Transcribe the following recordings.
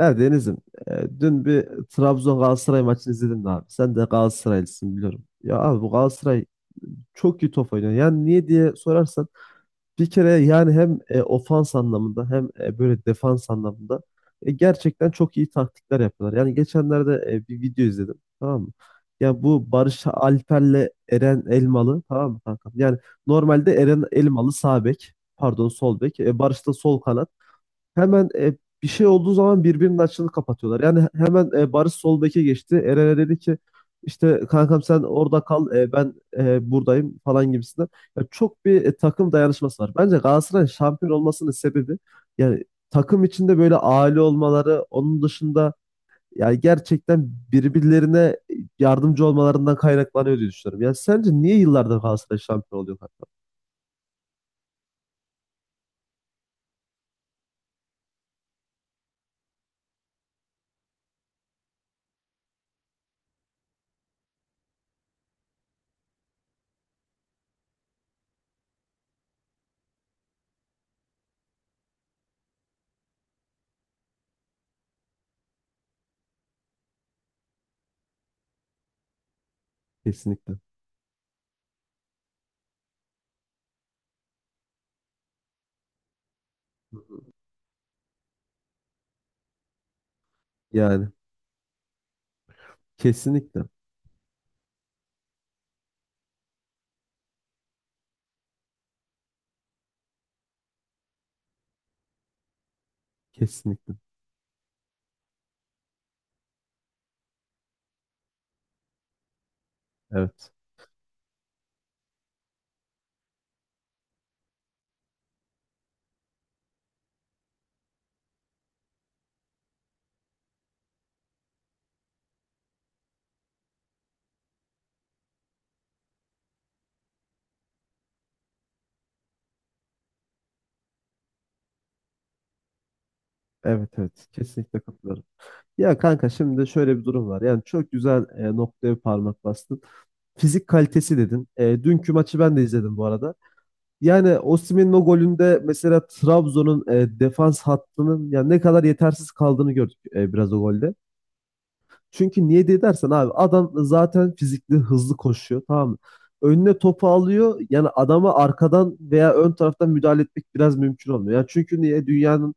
Evet Deniz'im, dün bir Trabzon Galatasaray maçını izledin mi abi? Sen de Galatasaraylısın biliyorum. Ya abi bu Galatasaray çok iyi top oynuyor. Yani niye diye sorarsan bir kere yani hem ofans anlamında hem böyle defans anlamında gerçekten çok iyi taktikler yapıyorlar. Yani geçenlerde bir video izledim, tamam mı? Ya bu Barış Alper'le Eren Elmalı, tamam mı kankam? Yani normalde Eren Elmalı sağ bek, pardon sol bek, Barış da sol kanat, hemen bir şey olduğu zaman birbirinin açığını kapatıyorlar. Yani hemen Barış sol beke geçti. Eren'e dedi ki işte kankam sen orada kal, ben buradayım falan gibisinden. Ya çok bir takım dayanışması var. Bence Galatasaray'ın şampiyon olmasının sebebi yani takım içinde böyle aile olmaları, onun dışında yani gerçekten birbirlerine yardımcı olmalarından kaynaklanıyor diye düşünüyorum. Yani sence niye yıllardır Galatasaray şampiyon oluyor kanka? Kesinlikle. Yani kesinlikle. Kesinlikle. Evet. Evet evet, kesinlikle katılıyorum. Ya kanka, şimdi şöyle bir durum var. Yani çok güzel noktaya parmak bastın. Fizik kalitesi dedin. E, dünkü maçı ben de izledim bu arada. Yani Osimhen'in o golünde mesela Trabzon'un defans hattının yani ne kadar yetersiz kaldığını gördük biraz o golde. Çünkü niye diye dersen abi, adam zaten fizikli, hızlı koşuyor, tamam mı? Önüne topu alıyor. Yani adama arkadan veya ön taraftan müdahale etmek biraz mümkün olmuyor. Yani çünkü niye, dünyanın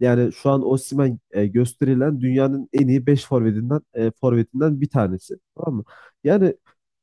yani şu an Osimhen gösterilen dünyanın en iyi 5 forvetinden bir tanesi. Tamam mı? Yani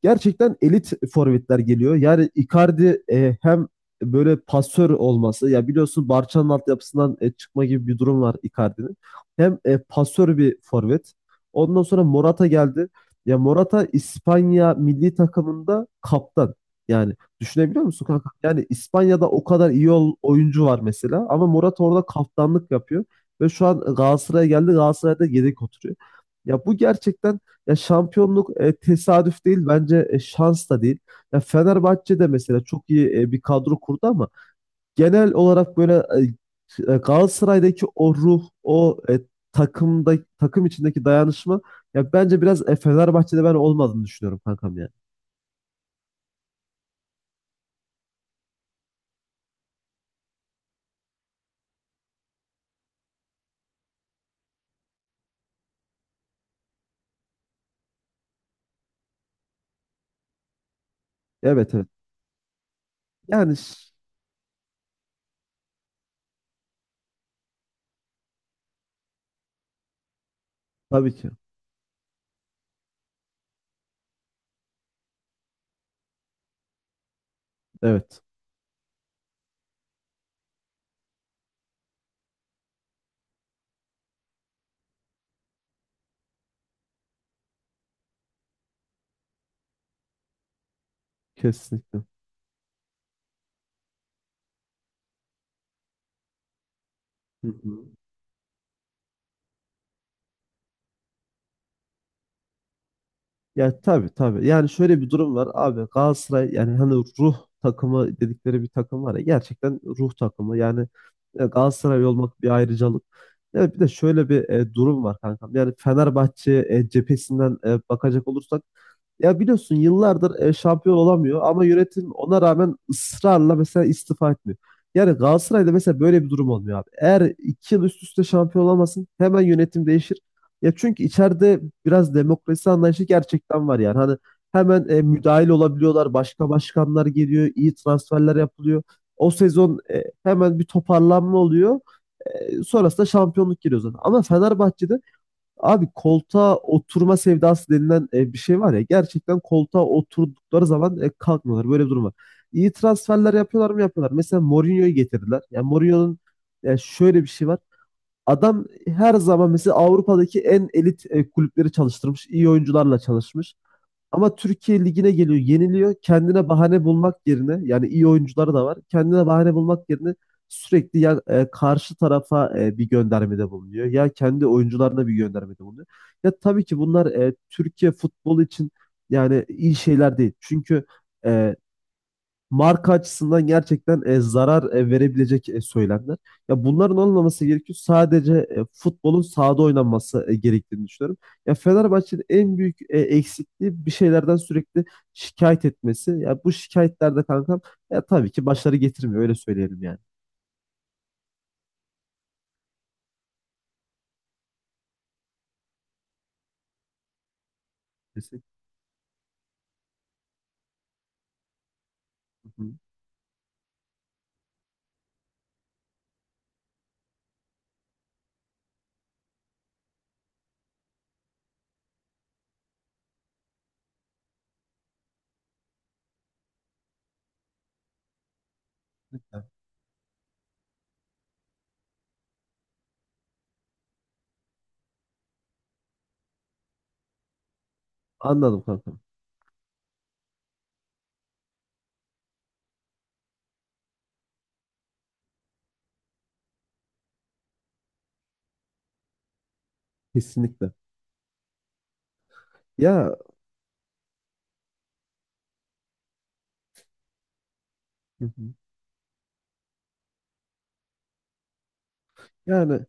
gerçekten elit forvetler geliyor. Yani Icardi, hem böyle pasör olması, ya biliyorsun Barça'nın altyapısından çıkma gibi bir durum var Icardi'nin. Hem pasör bir forvet. Ondan sonra Morata geldi. Ya Morata İspanya milli takımında kaptan. Yani düşünebiliyor musun kanka? Yani İspanya'da o kadar iyi oyuncu var mesela ama Murat orada kaptanlık yapıyor ve şu an Galatasaray'a geldi, Galatasaray'da yedek oturuyor. Ya bu gerçekten, ya şampiyonluk tesadüf değil bence, şans da değil. Ya Fenerbahçe de mesela çok iyi bir kadro kurdu ama genel olarak böyle Galatasaray'daki o ruh, o takımda takım içindeki dayanışma ya bence biraz Fenerbahçe'de ben olmadığını düşünüyorum kankam, yani. Evet evet. Yani tabii ki. Evet. Kesinlikle. Hı hı. Ya tabii tabii. Yani şöyle bir durum var abi, Galatasaray yani hani ruh takımı dedikleri bir takım var ya, gerçekten ruh takımı. Yani Galatasaray olmak bir ayrıcalık. Ya bir de şöyle bir durum var kankam. Yani Fenerbahçe cephesinden bakacak olursak, ya biliyorsun yıllardır şampiyon olamıyor ama yönetim ona rağmen ısrarla mesela istifa etmiyor. Yani Galatasaray'da mesela böyle bir durum olmuyor abi. Eğer iki yıl üst üste şampiyon olamasın hemen yönetim değişir. Ya çünkü içeride biraz demokrasi anlayışı gerçekten var yani. Hani hemen müdahil olabiliyorlar. Başka başkanlar geliyor. İyi transferler yapılıyor. O sezon hemen bir toparlanma oluyor. E, sonrasında şampiyonluk geliyor zaten. Ama Fenerbahçe'de abi, koltuğa oturma sevdası denilen bir şey var ya, gerçekten koltuğa oturdukları zaman kalkmıyorlar. Böyle bir durum var. İyi transferler yapıyorlar mı, yapıyorlar. Mesela Mourinho'yu getirdiler. Yani Mourinho'nun şöyle bir şey var. Adam her zaman mesela Avrupa'daki en elit kulüpleri çalıştırmış. İyi oyuncularla çalışmış. Ama Türkiye ligine geliyor, yeniliyor. Kendine bahane bulmak yerine, yani iyi oyuncuları da var. Kendine bahane bulmak yerine sürekli ya karşı tarafa bir göndermede bulunuyor ya kendi oyuncularına bir göndermede bulunuyor. Ya tabii ki bunlar Türkiye futbolu için yani iyi şeyler değil. Çünkü e, marka açısından gerçekten zarar verebilecek söylemler. Ya bunların olmaması gerekiyor. Sadece futbolun sahada oynanması gerektiğini düşünüyorum. Ya Fenerbahçe'nin en büyük eksikliği bir şeylerden sürekli şikayet etmesi. Ya bu şikayetlerde kankam, ya tabii ki başarı getirmiyor, öyle söyleyelim yani. Kesinlikle. Hı hı. Anladım kankam. Kesinlikle. Ya hı hı. Yani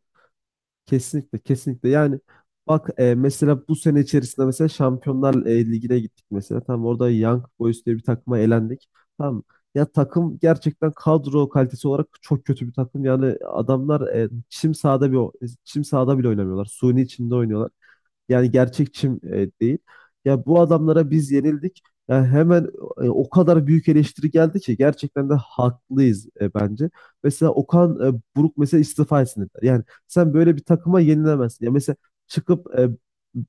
kesinlikle, kesinlikle yani. Bak, mesela bu sene içerisinde mesela Şampiyonlar Ligi'ne gittik mesela, tamam, orada Young Boys diye bir takıma elendik, tamam. Ya takım gerçekten kadro kalitesi olarak çok kötü bir takım yani, adamlar çim sahada çim sahada bile oynamıyorlar, suni içinde oynuyorlar. Yani gerçekçim değil. Ya bu adamlara biz yenildik. Yani hemen o kadar büyük eleştiri geldi ki, gerçekten de haklıyız bence. Mesela Okan Buruk mesela istifa etsin dediler. Yani sen böyle bir takıma yenilemezsin. Ya mesela çıkıp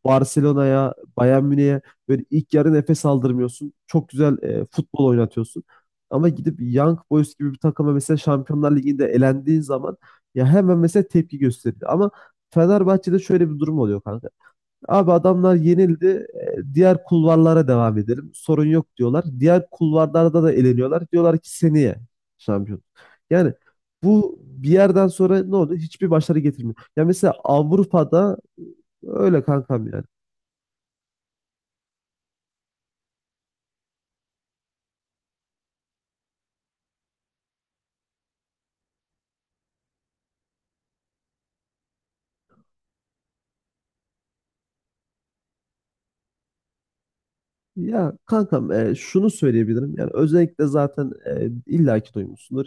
Barcelona'ya, Bayern Münih'e böyle ilk yarı nefes aldırmıyorsun. Çok güzel futbol oynatıyorsun. Ama gidip Young Boys gibi bir takıma mesela Şampiyonlar Ligi'nde elendiğin zaman ya hemen mesela tepki gösteriyor. Ama Fenerbahçe'de şöyle bir durum oluyor kanka. Abi adamlar yenildi. E, Diğer kulvarlara devam edelim. Sorun yok diyorlar. Diğer kulvarlarda da eleniyorlar. Diyorlar ki seneye şampiyon. Yani bu bir yerden sonra ne oldu? Hiçbir başarı getirmiyor. Ya mesela Avrupa'da öyle kankam yani. Ya kankam, şunu söyleyebilirim. Yani özellikle zaten illaki duymuşsundur.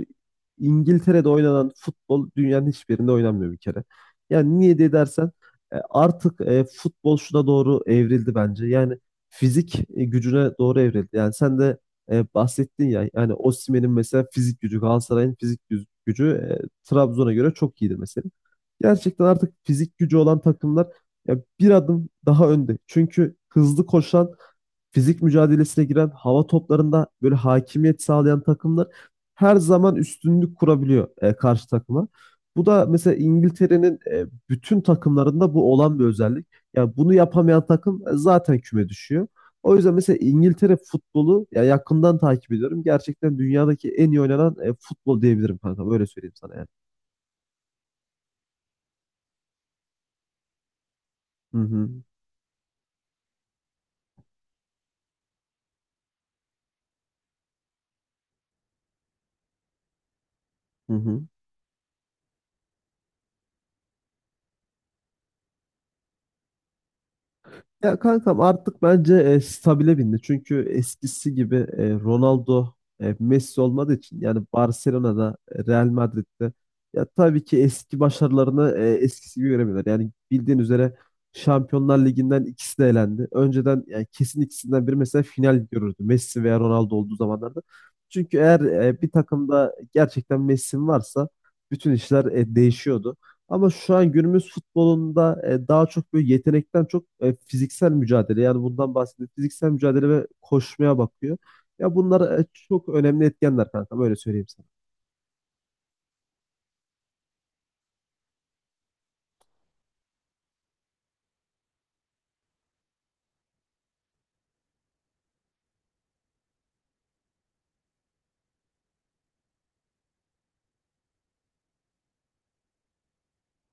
İngiltere'de oynanan futbol dünyanın hiçbirinde oynanmıyor bir kere. Yani niye diye dersen artık futbol şuna doğru evrildi bence. Yani fizik gücüne doğru evrildi. Yani sen de bahsettin ya, yani Osimhen'in mesela fizik gücü, Galatasaray'ın fizik gücü Trabzon'a göre çok iyidir mesela. Gerçekten artık fizik gücü olan takımlar ya bir adım daha önde. Çünkü hızlı koşan, fizik mücadelesine giren, hava toplarında böyle hakimiyet sağlayan takımlar her zaman üstünlük kurabiliyor karşı takıma. Bu da mesela İngiltere'nin bütün takımlarında bu olan bir özellik. Yani bunu yapamayan takım zaten küme düşüyor. O yüzden mesela İngiltere futbolu ya yakından takip ediyorum. Gerçekten dünyadaki en iyi oynanan futbol diyebilirim kanka. Böyle söyleyeyim sana yani. Hı hı. Hı hı. Ya kankam artık bence stabile bindi. Çünkü eskisi gibi Ronaldo, Messi olmadığı için yani Barcelona'da, Real Madrid'de ya tabii ki eski başarılarını eskisi gibi göremiyorlar. Yani bildiğin üzere Şampiyonlar Ligi'nden ikisi de elendi. Önceden yani kesin ikisinden biri mesela final görürdü. Messi veya Ronaldo olduğu zamanlarda. Çünkü eğer bir takımda gerçekten Messi varsa bütün işler değişiyordu. Ama şu an günümüz futbolunda daha çok böyle yetenekten çok fiziksel mücadele, yani bundan bahsediyorum. Fiziksel mücadele ve koşmaya bakıyor. Ya bunlar çok önemli etkenler kanka, böyle söyleyeyim sana.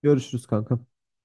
Görüşürüz kanka.